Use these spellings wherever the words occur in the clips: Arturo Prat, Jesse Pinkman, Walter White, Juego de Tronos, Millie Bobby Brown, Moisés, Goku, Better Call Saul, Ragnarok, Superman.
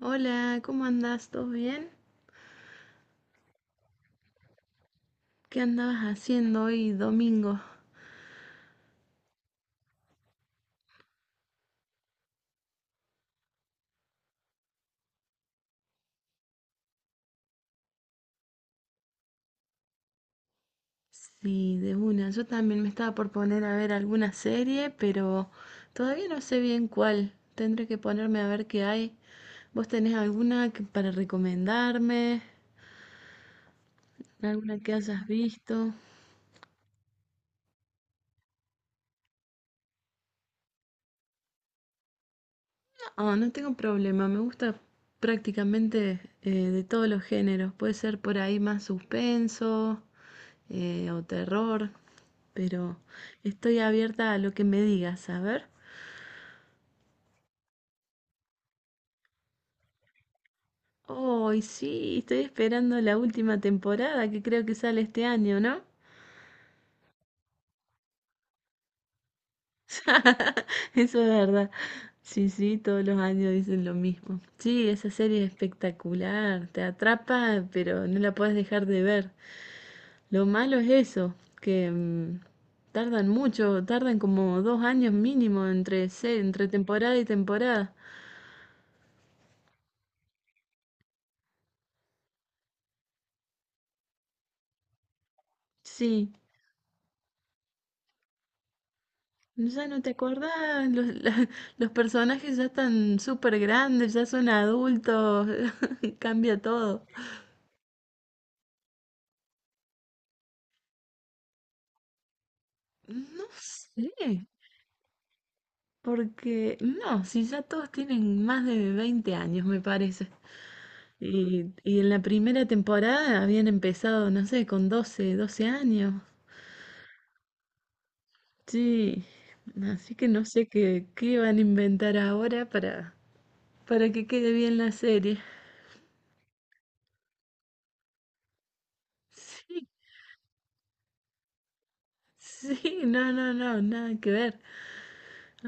Hola, ¿cómo andás? ¿Todo bien? ¿Qué andabas haciendo hoy domingo? Sí, de una. Yo también me estaba por poner a ver alguna serie, pero todavía no sé bien cuál. Tendré que ponerme a ver qué hay. ¿Vos tenés alguna para recomendarme? ¿Alguna que hayas visto? Ah, no tengo problema, me gusta prácticamente de todos los géneros. Puede ser por ahí más suspenso o terror, pero estoy abierta a lo que me digas, a ver. Oh, y sí, estoy esperando la última temporada que creo que sale este año, ¿no? Eso es verdad. Sí, sí, todos los años dicen lo mismo. Sí, esa serie es espectacular, te atrapa, pero no la puedes dejar de ver. Lo malo es eso, que tardan mucho, tardan como dos años mínimo entre temporada y temporada. Sí, ya no te acordás, los personajes ya están súper grandes, ya son adultos, cambia todo. No sé, porque no, si ya todos tienen más de 20 años, me parece. Y en la primera temporada habían empezado, no sé, con doce años. Sí, así que no sé qué van a inventar ahora para que quede bien la serie. Sí, sí, nada que ver.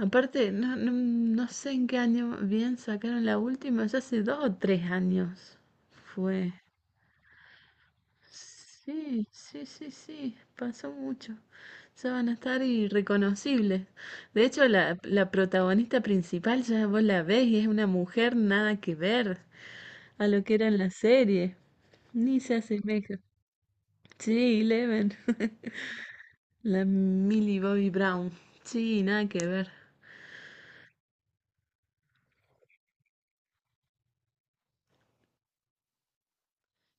Aparte, no sé en qué año bien sacaron la última, ya hace dos o tres años fue. Sí, pasó mucho. Ya van a estar irreconocibles. De hecho, la protagonista principal ya vos la ves y es una mujer nada que ver a lo que era en la serie. Ni se asemeja. Sí, Eleven. La Millie Bobby Brown. Sí, nada que ver.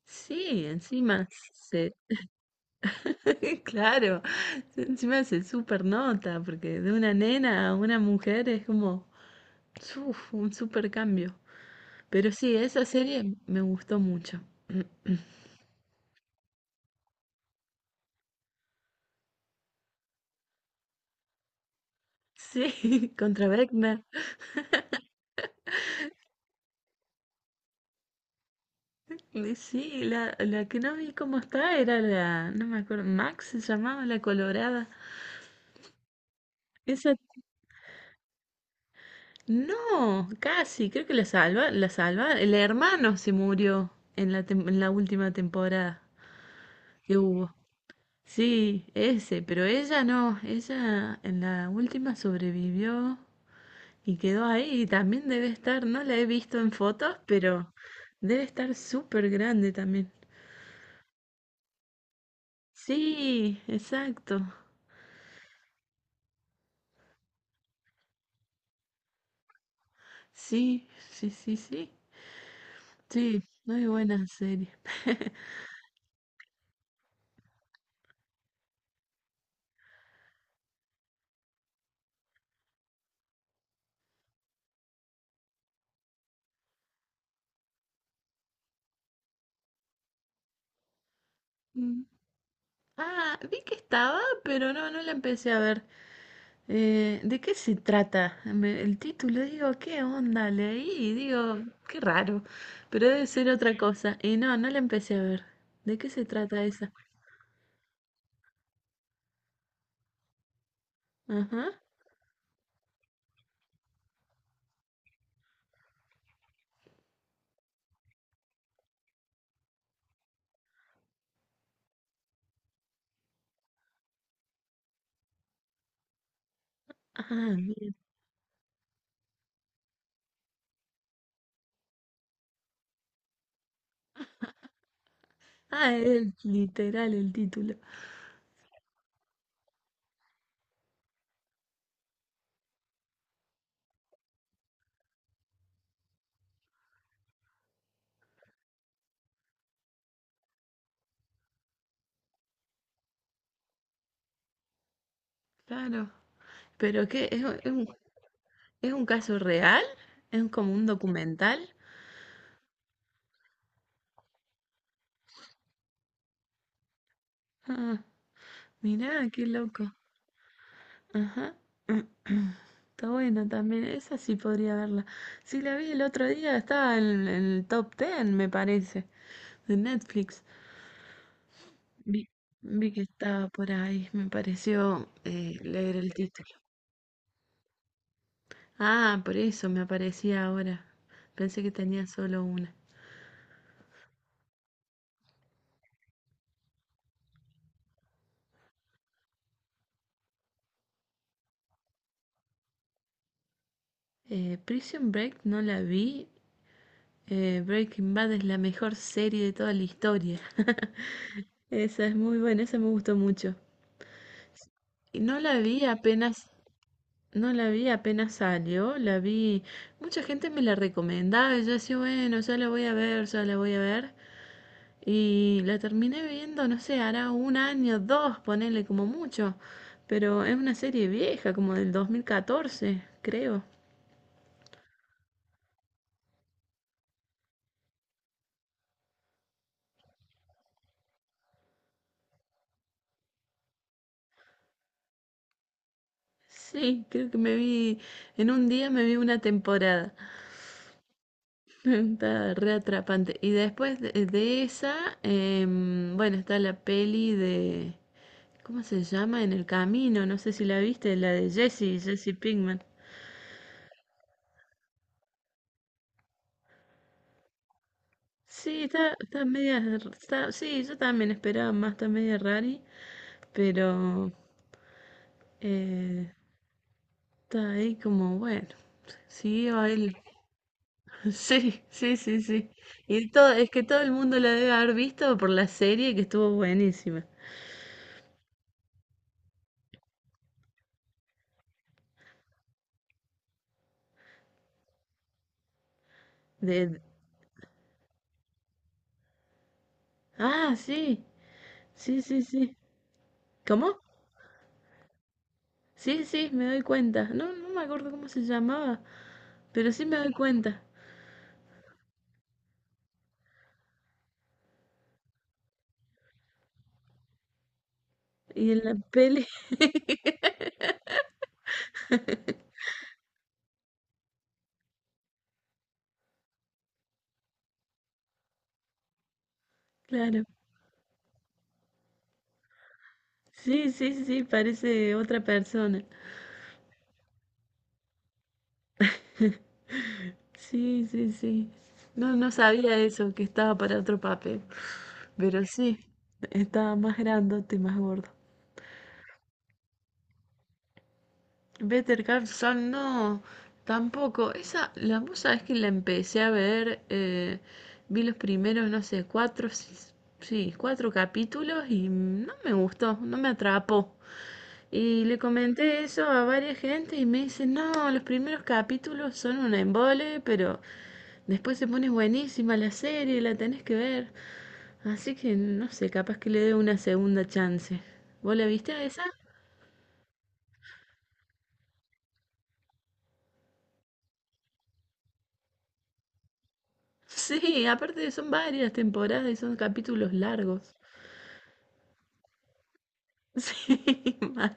Sí, Claro, encima se super nota, porque de una nena a una mujer es como uf, un super cambio. Pero sí, esa serie me gustó mucho. Sí, contra Beckner. Y sí, la que no vi cómo está era la, no me acuerdo, Max se llamaba la Colorada. Esa no, casi, creo que la salva. El hermano se murió en en la última temporada que hubo. Sí, ese, pero ella no, ella en la última sobrevivió y quedó ahí y también debe estar, no la he visto en fotos, pero debe estar súper grande también. Sí, exacto. Sí, sí, sí, sí. Sí, muy buena serie. Mm. Ah, vi que estaba, pero no, no la empecé a ver. ¿De qué se trata? El título, digo, ¿qué onda? Leí, digo, qué raro, pero debe ser otra cosa. Y no, no la empecé a ver. ¿De qué se trata esa? Ajá. Ah, bien. Ah, es literal el título. Claro. ¿Pero qué? ¿Es un caso real? ¿Es un como un documental? Ah, mirá, qué loco. Ajá. Está buena también. Esa sí podría verla. Sí, la vi el otro día, estaba en el top 10, me parece. De Netflix. Vi, vi que estaba por ahí, me pareció leer el título. Ah, por eso me aparecía ahora. Pensé que tenía solo una. Prison Break no la vi. Eh, Breaking Bad es la mejor serie de toda la historia. Esa es muy buena, esa me gustó mucho. Y no la vi apenas, no la vi apenas salió, mucha gente me la recomendaba y yo decía, bueno, ya la voy a ver, ya la voy a ver. Y la terminé viendo, no sé, hará un año, dos, ponele como mucho. Pero es una serie vieja, como del 2014, creo. Sí, creo que me vi, en un día me vi una temporada. Está re atrapante. Y después de esa, bueno, está ¿cómo se llama? En el camino, no sé si la viste, la de Jesse Pinkman. Sí, está media, sí, yo también esperaba más, está media rari, pero eh, está ahí como, bueno, siguió a él. Sí, sí, sí, sí. Y todo, es que todo el mundo la debe haber visto por la serie que estuvo buenísima. De... Ah, sí, sí, sí. ¿Cómo? Sí, sí, me doy cuenta. No, no me acuerdo cómo se llamaba, pero sí me doy cuenta. Y en la peli, claro. Sí, parece otra persona. Sí, sí, sí. No, no sabía eso, que estaba para otro papel. Pero sí, estaba más grandote, más gordo. Better Call Saul, no, tampoco. Esa, la musa es que la empecé a ver, vi los primeros, no sé, cuatro capítulos y no me gustó, no me atrapó. Y le comenté eso a varias gente y me dicen, no, los primeros capítulos son un embole, pero después se pone buenísima la serie, la tenés que ver. Así que no sé, capaz que le dé una segunda chance. ¿Vos la viste a esa? Sí, aparte son varias temporadas y son capítulos largos. Sí, mal.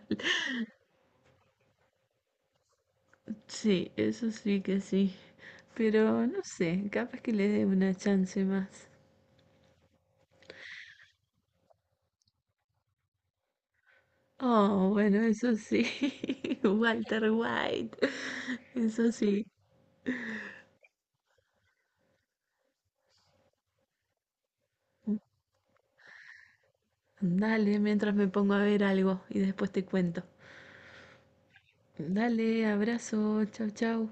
Sí, eso sí que sí. Pero no sé, capaz que le dé una chance más. Oh, bueno, eso sí, Walter White, eso sí. Dale, mientras me pongo a ver algo y después te cuento. Dale, abrazo, chau, chau.